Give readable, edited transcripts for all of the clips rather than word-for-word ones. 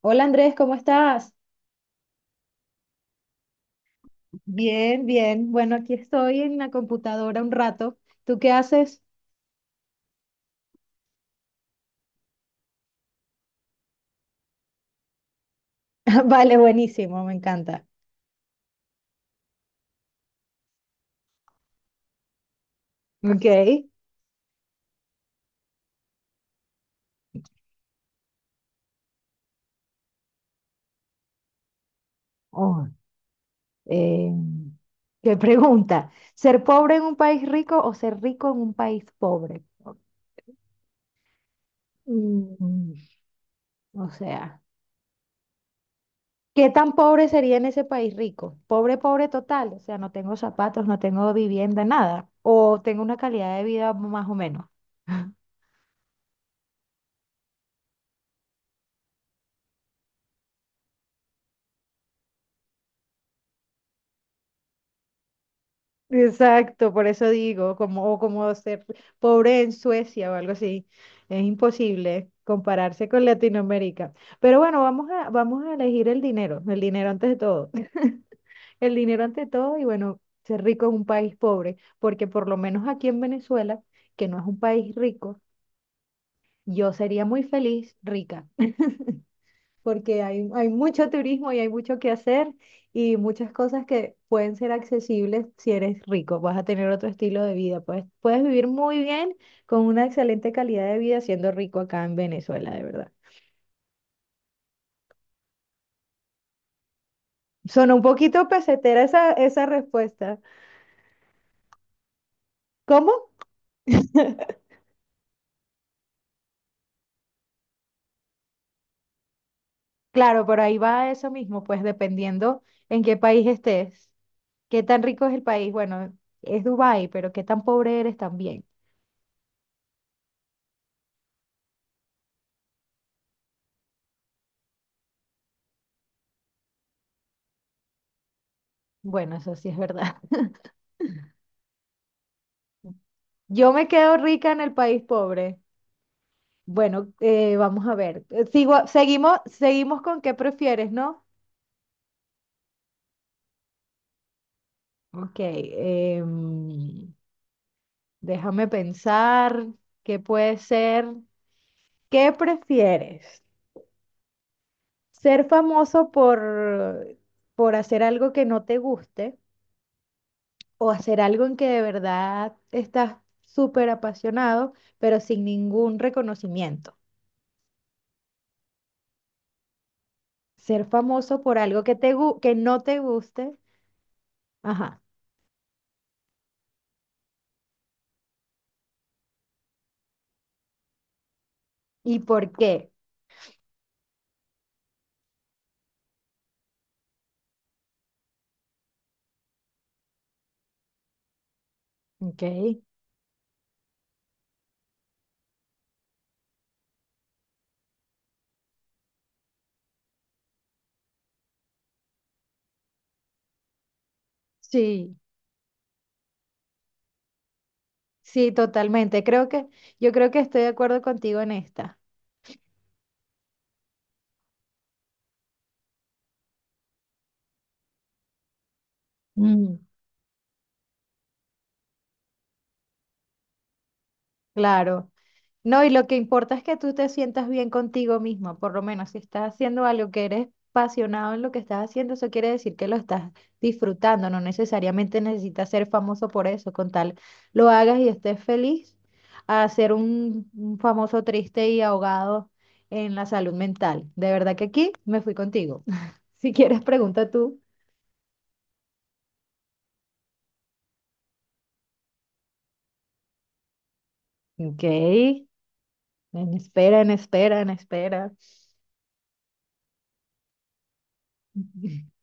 Hola Andrés, ¿cómo estás? Bien, bien. Bueno, aquí estoy en la computadora un rato. ¿Tú qué haces? Vale, buenísimo, me encanta. Ok. Oh, eh, qué pregunta. ¿Ser pobre en un país rico o ser rico en un país pobre? Mm, o sea, ¿qué tan pobre sería en ese país rico? Pobre, pobre total. O sea, no tengo zapatos, no tengo vivienda, nada. O tengo una calidad de vida más o menos. Exacto, por eso digo, como, o como ser pobre en Suecia o algo así. Es imposible compararse con Latinoamérica. Pero bueno, vamos a elegir el dinero antes de todo. El dinero ante todo y bueno, ser rico en un país pobre, porque por lo menos aquí en Venezuela, que no es un país rico, yo sería muy feliz rica. Porque hay mucho turismo y hay mucho que hacer y muchas cosas que pueden ser accesibles si eres rico. Vas a tener otro estilo de vida. Puedes vivir muy bien con una excelente calidad de vida siendo rico acá en Venezuela, de verdad. Sonó un poquito pesetera esa respuesta. ¿Cómo? Claro, por ahí va eso mismo, pues dependiendo en qué país estés, qué tan rico es el país. Bueno, es Dubái, pero qué tan pobre eres también. Bueno, eso sí es verdad. Yo me quedo rica en el país pobre. Bueno, vamos a ver. Seguimos con qué prefieres, ¿no? Ok, déjame pensar qué puede ser. ¿Qué prefieres? ¿Ser famoso por hacer algo que no te guste o hacer algo en que de verdad estás súper apasionado, pero sin ningún reconocimiento? Ser famoso por algo que no te guste. Ajá. ¿Y por qué? Ok. Sí. Sí, totalmente. Creo que, yo creo que estoy de acuerdo contigo en esta. Mm. Claro. No, y lo que importa es que tú te sientas bien contigo mismo, por lo menos si estás haciendo algo que eres apasionado en lo que estás haciendo, eso quiere decir que lo estás disfrutando, no necesariamente necesitas ser famoso por eso, con tal lo hagas y estés feliz, a ser un famoso triste y ahogado en la salud mental. De verdad que aquí me fui contigo. Si quieres, pregunta tú. Ok. En espera, en espera, en espera.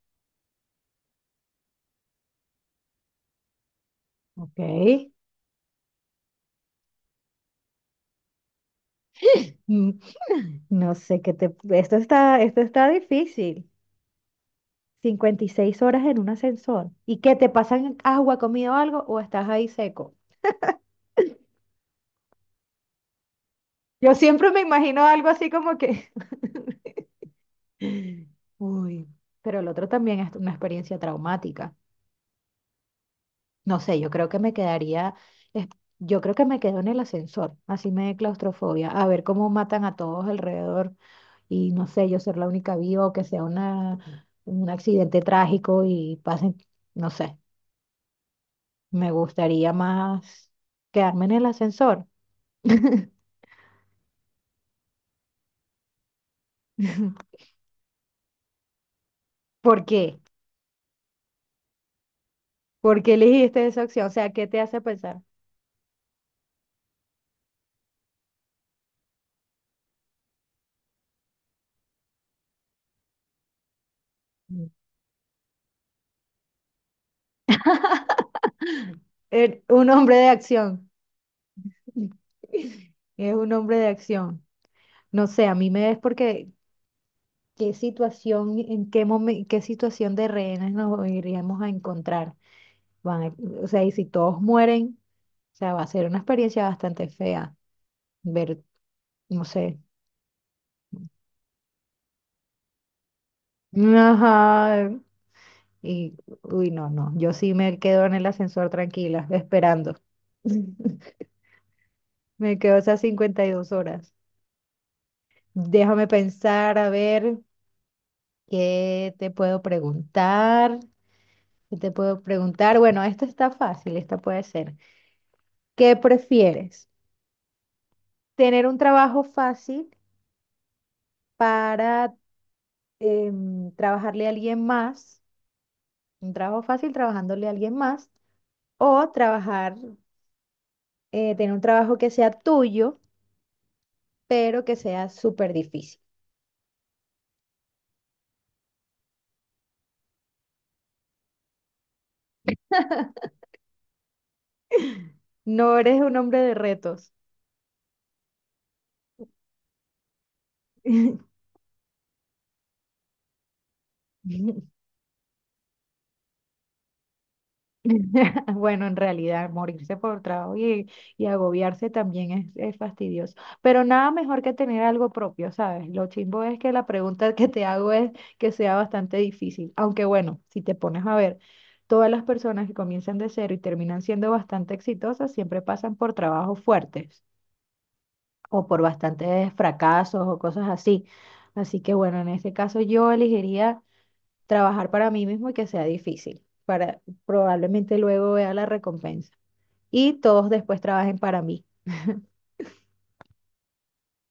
Ok. Mm, No sé qué te... Esto está difícil. 56 horas en un ascensor. ¿Y qué te pasan agua, comida o algo? ¿O estás ahí seco? Yo siempre me imagino algo así como que... Uy. Pero el otro también es una experiencia traumática. No sé, yo creo que me quedaría... es- Yo creo que me quedo en el ascensor. Así me dé claustrofobia. A ver cómo matan a todos alrededor. Y no sé, yo ser la única viva o que sea una, un accidente trágico y pasen, no sé, me gustaría más quedarme en el ascensor. ¿Por qué? ¿Por qué elegiste esa opción? O sea, ¿qué te hace pensar? Un hombre de acción. Es un hombre de acción. No sé, a mí me es porque qué situación, qué situación de rehenes nos iríamos a encontrar. Van a- o sea, y si todos mueren, o sea, va a ser una experiencia bastante fea ver, no sé. Ajá. Y, uy, no, no. Yo sí me quedo en el ascensor tranquila, esperando. Me quedo esas 52 horas. Déjame pensar, a ver, ¿qué te puedo preguntar? ¿Qué te puedo preguntar? Bueno, esto está fácil, esta puede ser. ¿Qué prefieres? ¿Tener un trabajo fácil para trabajarle a alguien más? Un trabajo fácil trabajándole a alguien más. O trabajar, tener un trabajo que sea tuyo, pero que sea súper difícil. No eres un hombre de retos. Bueno, en realidad, morirse por trabajo y agobiarse también es fastidioso. Pero nada mejor que tener algo propio, ¿sabes? Lo chimbo es que la pregunta que te hago es que sea bastante difícil. Aunque bueno, si te pones a ver, todas las personas que comienzan de cero y terminan siendo bastante exitosas siempre pasan por trabajos fuertes. O por bastantes fracasos o cosas así. Así que bueno, en este caso yo elegiría trabajar para mí mismo y que sea difícil, para probablemente luego vea la recompensa y todos después trabajen para mí.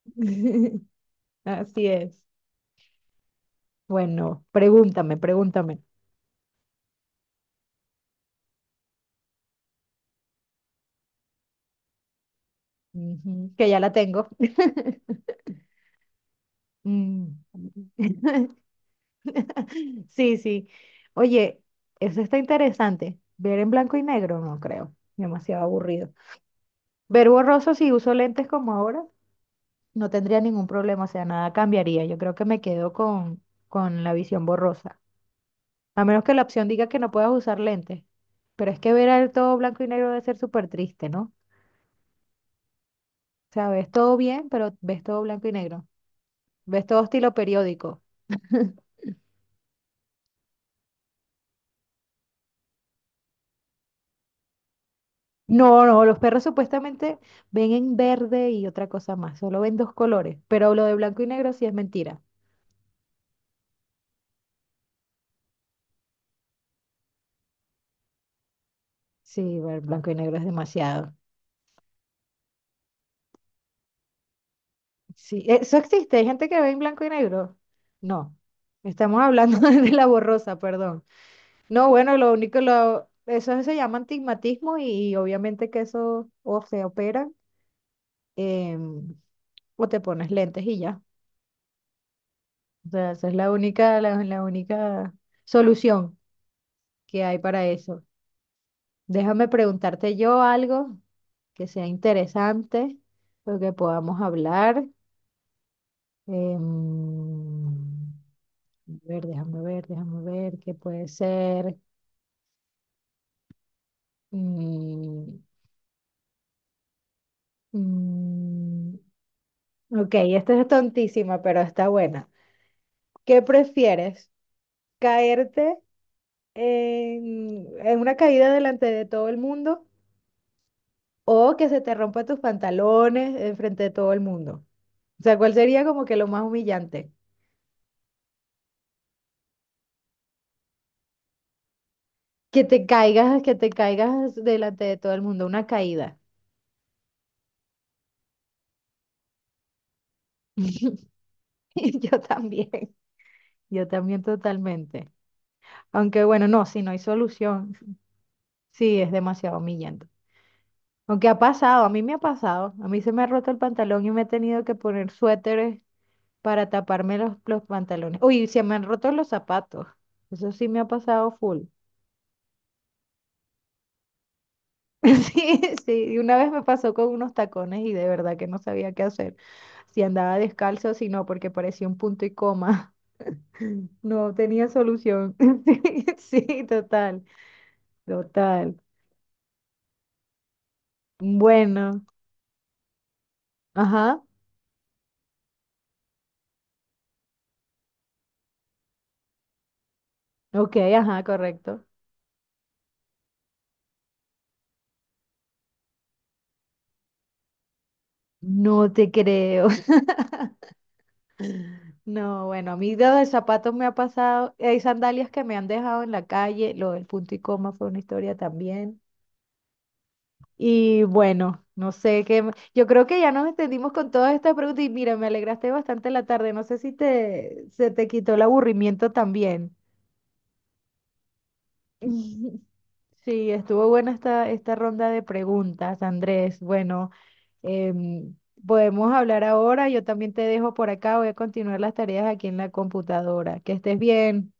Así es. Bueno, pregúntame, pregúntame. Ujú, que ya la tengo. Mm. Sí, sí. Oye, eso está interesante. Ver en blanco y negro, no creo. Demasiado aburrido. Ver borroso si uso lentes como ahora. No tendría ningún problema, o sea, nada cambiaría. Yo creo que me quedo con la visión borrosa. A menos que la opción diga que no puedas usar lentes. Pero es que ver el todo blanco y negro debe ser súper triste, ¿no? O sea, ves todo bien, pero ves todo blanco y negro. Ves todo estilo periódico. No, no, los perros supuestamente ven en verde y otra cosa más, solo ven dos colores, pero lo de blanco y negro sí es mentira. Sí, ver blanco y negro es demasiado. Sí, eso existe. Hay gente que ve en blanco y negro. No, estamos hablando de la borrosa, perdón. No, bueno, lo único, eso se llama antigmatismo y, obviamente que eso o se opera em, o te pones lentes y ya. O sea, esa es la única, la única solución que hay para eso. Déjame preguntarte yo algo que sea interesante, lo que podamos hablar. Em, A ver, déjame ver, déjame ver qué puede ser. Mm, mm, ok, esta es tontísima, pero está buena. ¿Qué prefieres? ¿Caerte en una caída delante de todo el mundo o que se te rompa tus pantalones enfrente de todo el mundo? O sea, ¿cuál sería como que lo más humillante? Que te caigas delante de todo el mundo, una caída. Yo también, yo también totalmente. Aunque bueno, no, si no hay solución. Sí, es demasiado humillante. Aunque ha pasado, a mí me ha pasado. A mí se me ha roto el pantalón y me he tenido que poner suéteres para taparme los pantalones. Uy, se me han roto los zapatos. Eso sí me ha pasado full. Sí, sí. Y una vez me pasó con unos tacones y de verdad que no sabía qué hacer. Si andaba descalzo, si no, porque parecía un punto y coma. No tenía solución. Sí, sí, total, total. Bueno, ajá, ok, ajá, correcto. No te creo. No, bueno, a mí lo del zapato me ha pasado. Hay sandalias que me han dejado en la calle. Lo del punto y coma fue una historia también. Y bueno, no sé qué. Yo creo que ya nos extendimos con todas estas preguntas. Y mira, me alegraste bastante la tarde. No sé si te, se te quitó el aburrimiento también. Sí, estuvo buena esta ronda de preguntas, Andrés. Bueno, em, podemos hablar ahora. Yo también te dejo por acá. Voy a continuar las tareas aquí en la computadora. Que estés bien.